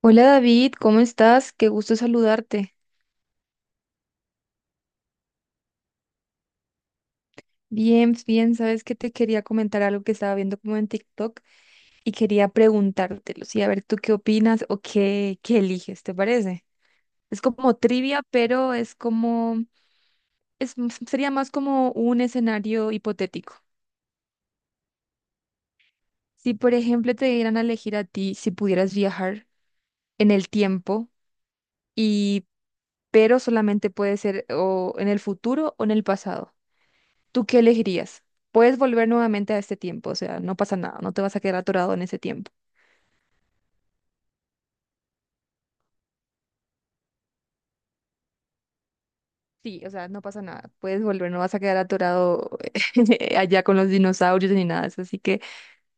Hola David, ¿cómo estás? Qué gusto saludarte. Bien, bien, sabes que te quería comentar algo que estaba viendo como en TikTok y quería preguntártelo, sí, a ver tú qué opinas o qué eliges, ¿te parece? Es como trivia, es, sería más como un escenario hipotético. Si, por ejemplo, te dieran a elegir a ti si pudieras viajar en el tiempo y, pero solamente puede ser o en el futuro o en el pasado. ¿Tú qué elegirías? Puedes volver nuevamente a este tiempo, o sea, no pasa nada, no te vas a quedar atorado en ese tiempo. Sí, o sea, no pasa nada, puedes volver, no vas a quedar atorado allá con los dinosaurios ni nada, de eso, así que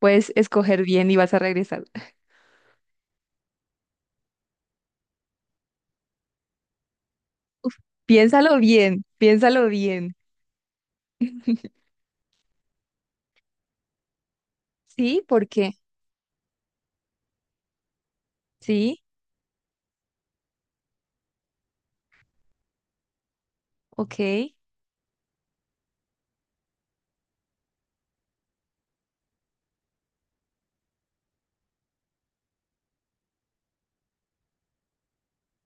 puedes escoger bien y vas a regresar. Piénsalo bien, piénsalo bien. Sí, ¿por qué? Sí, ok,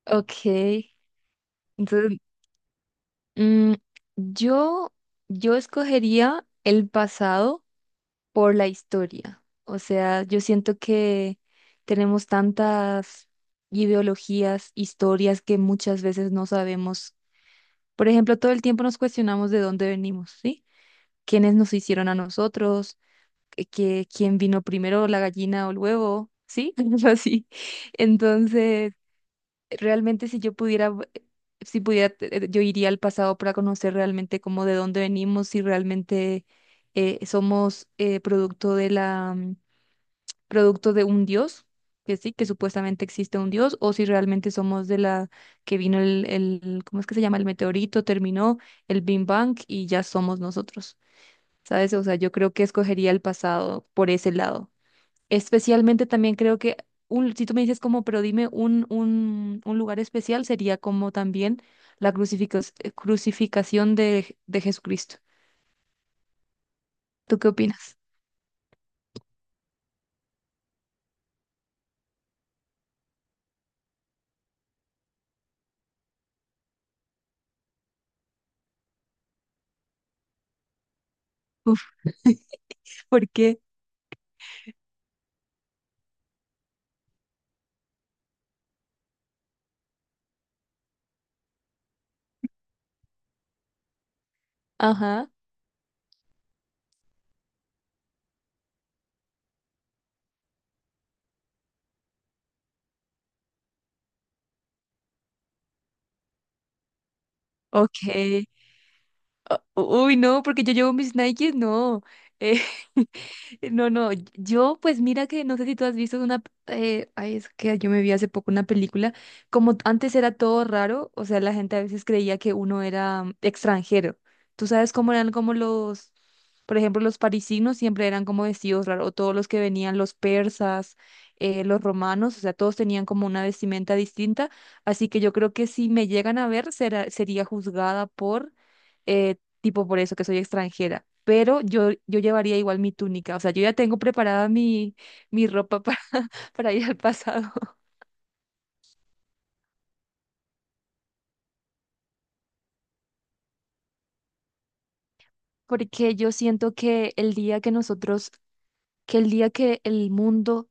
ok. Entonces, mm, yo, yo escogería el pasado por la historia. O sea, yo siento que tenemos tantas ideologías, historias que muchas veces no sabemos. Por ejemplo, todo el tiempo nos cuestionamos de dónde venimos, ¿sí? ¿Quiénes nos hicieron a nosotros? Quién vino primero, la gallina o el huevo? ¿Sí? Algo así. Entonces, realmente si yo pudiera... v- Si pudiera, yo iría al pasado para conocer realmente cómo de dónde venimos, si realmente somos producto de un dios, que sí, que supuestamente existe un dios, o si realmente somos de la que vino ¿cómo es que se llama? El meteorito, terminó el Big Bang y ya somos nosotros, ¿sabes? O sea, yo creo que escogería el pasado por ese lado. Especialmente también creo que, si tú me dices como, pero dime un lugar especial, sería como también la crucificación de Jesucristo. ¿Tú qué opinas? Uf, ¿por qué? Ajá, ok. Ah, uy, no, porque yo llevo mis Nikes, no. Eh, no, no, yo pues mira que no sé si tú has visto ay, es que yo me vi hace poco una película, como antes era todo raro, o sea, la gente a veces creía que uno era extranjero. Tú sabes cómo eran como los, por ejemplo, los parisinos siempre eran como vestidos raros, o todos los que venían, los persas, los romanos, o sea, todos tenían como una vestimenta distinta, así que yo creo que si me llegan a ver, sería juzgada por... eh, tipo por eso que soy extranjera, pero yo llevaría igual mi túnica, o sea, yo ya tengo preparada mi ropa para, para ir al pasado, porque yo siento que el día que nosotros, que el día que el mundo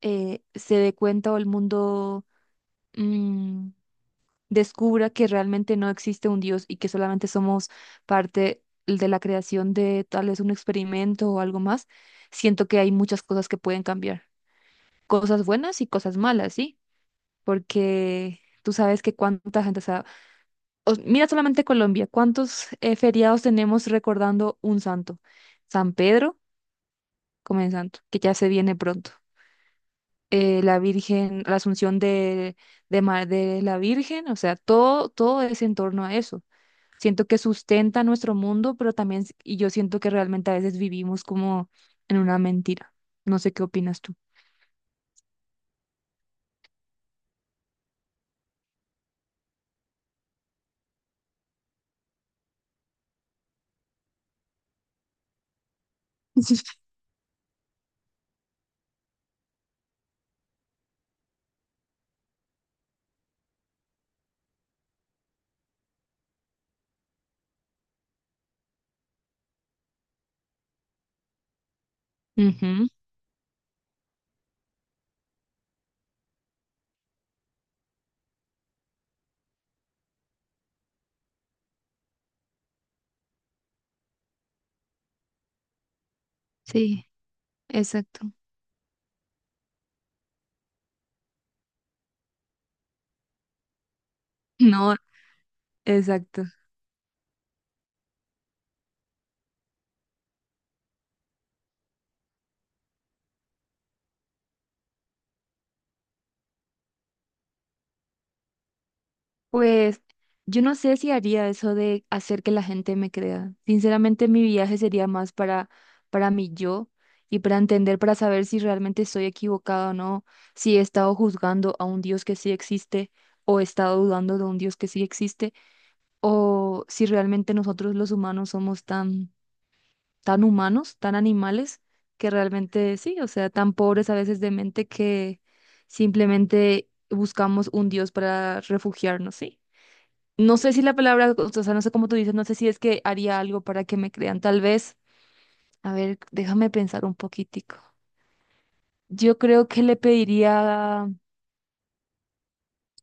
se dé cuenta o el mundo mm, descubra que realmente no existe un Dios y que solamente somos parte de la creación de tal vez un experimento o algo más, siento que hay muchas cosas que pueden cambiar, cosas buenas y cosas malas, ¿sí? Porque tú sabes que cuánta gente, o sea, mira solamente Colombia, cuántos feriados tenemos recordando un santo. San Pedro, como en santo, que ya se viene pronto. La Virgen, la Asunción de la Virgen, o sea, todo es en torno a eso. Siento que sustenta nuestro mundo, y yo siento que realmente a veces vivimos como en una mentira. No sé qué opinas tú. Ujú, sí, exacto. No, exacto. Pues yo no sé si haría eso de hacer que la gente me crea. Sinceramente, mi viaje sería más para mi yo y para entender, para saber si realmente estoy equivocado o no, si he estado juzgando a un Dios que sí existe o he estado dudando de un Dios que sí existe o si realmente nosotros los humanos somos tan, tan humanos, tan animales, que realmente sí, o sea, tan pobres a veces de mente que simplemente buscamos un Dios para refugiarnos, ¿sí? No sé si la palabra, o sea, no sé cómo tú dices, no sé si es que haría algo para que me crean, tal vez. A ver, déjame pensar un poquitico. Yo creo que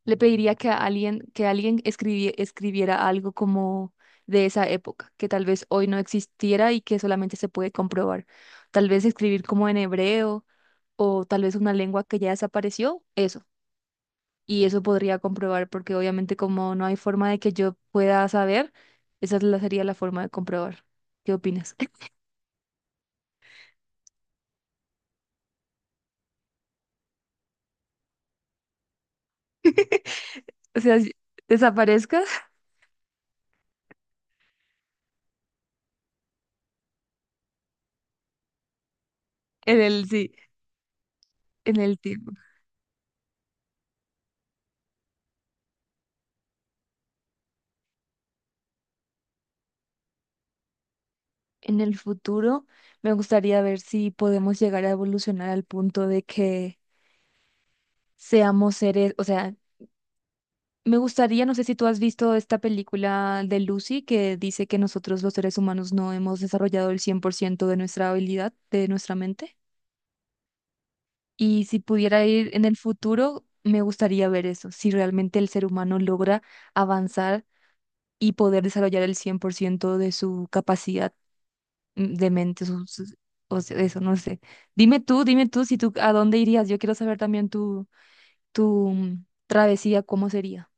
le pediría que que alguien escribiera algo como de esa época, que tal vez hoy no existiera y que solamente se puede comprobar. Tal vez escribir como en hebreo o tal vez una lengua que ya desapareció, eso. Y eso podría comprobar porque obviamente como no hay forma de que yo pueda saber, sería la forma de comprobar. ¿Qué opinas? O sea, desaparezcas en el sí, en el tiempo. En el futuro, me gustaría ver si podemos llegar a evolucionar al punto de que seamos seres, o sea, me gustaría, no sé si tú has visto esta película de Lucy que dice que nosotros los seres humanos no hemos desarrollado el 100% de nuestra habilidad, de nuestra mente. Y si pudiera ir en el futuro, me gustaría ver eso, si realmente el ser humano logra avanzar y poder desarrollar el 100% de su capacidad de mente, o sea, eso, no sé. Dime tú, si tú, ¿a dónde irías? Yo quiero saber también tu travesía, ¿cómo sería?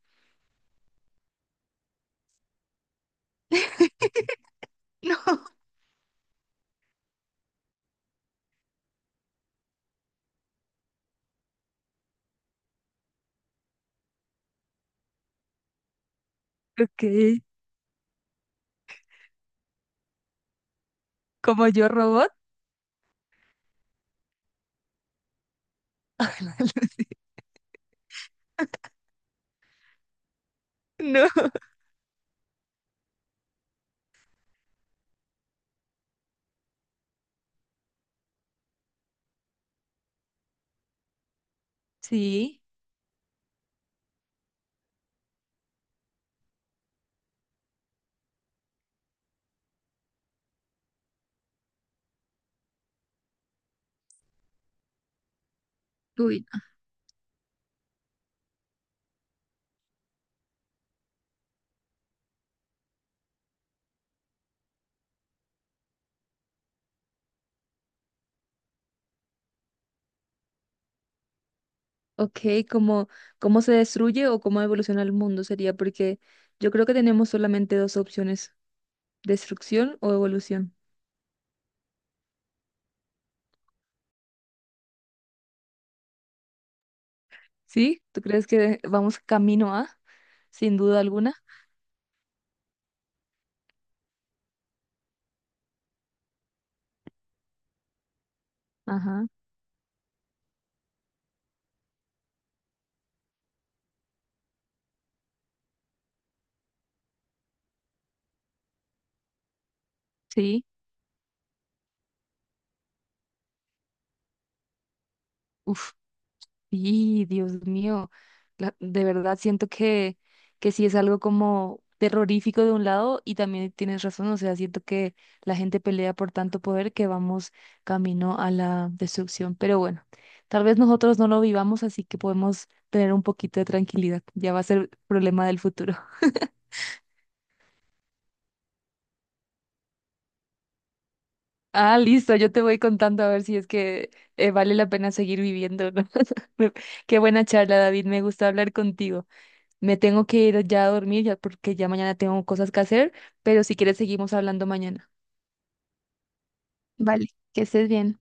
Ok, ¿como yo robot? No. Sí. Uy, ok, ¿cómo, cómo se destruye o cómo evoluciona el mundo sería? Porque yo creo que tenemos solamente dos opciones destrucción o evolución. ¿Sí? ¿Tú crees que vamos camino a? Sin duda alguna. Ajá. Sí. Uf. Y Dios mío. De verdad siento que sí es algo como terrorífico de un lado y también tienes razón. O sea, siento que la gente pelea por tanto poder que vamos camino a la destrucción. Pero bueno, tal vez nosotros no lo vivamos, así que podemos tener un poquito de tranquilidad. Ya va a ser problema del futuro. Ah, listo, yo te voy contando a ver si es que vale la pena seguir viviendo, ¿no? Me- Qué buena charla, David, me gusta hablar contigo. Me tengo que ir ya a dormir ya porque ya mañana tengo cosas que hacer, pero si quieres seguimos hablando mañana. Vale, que estés bien.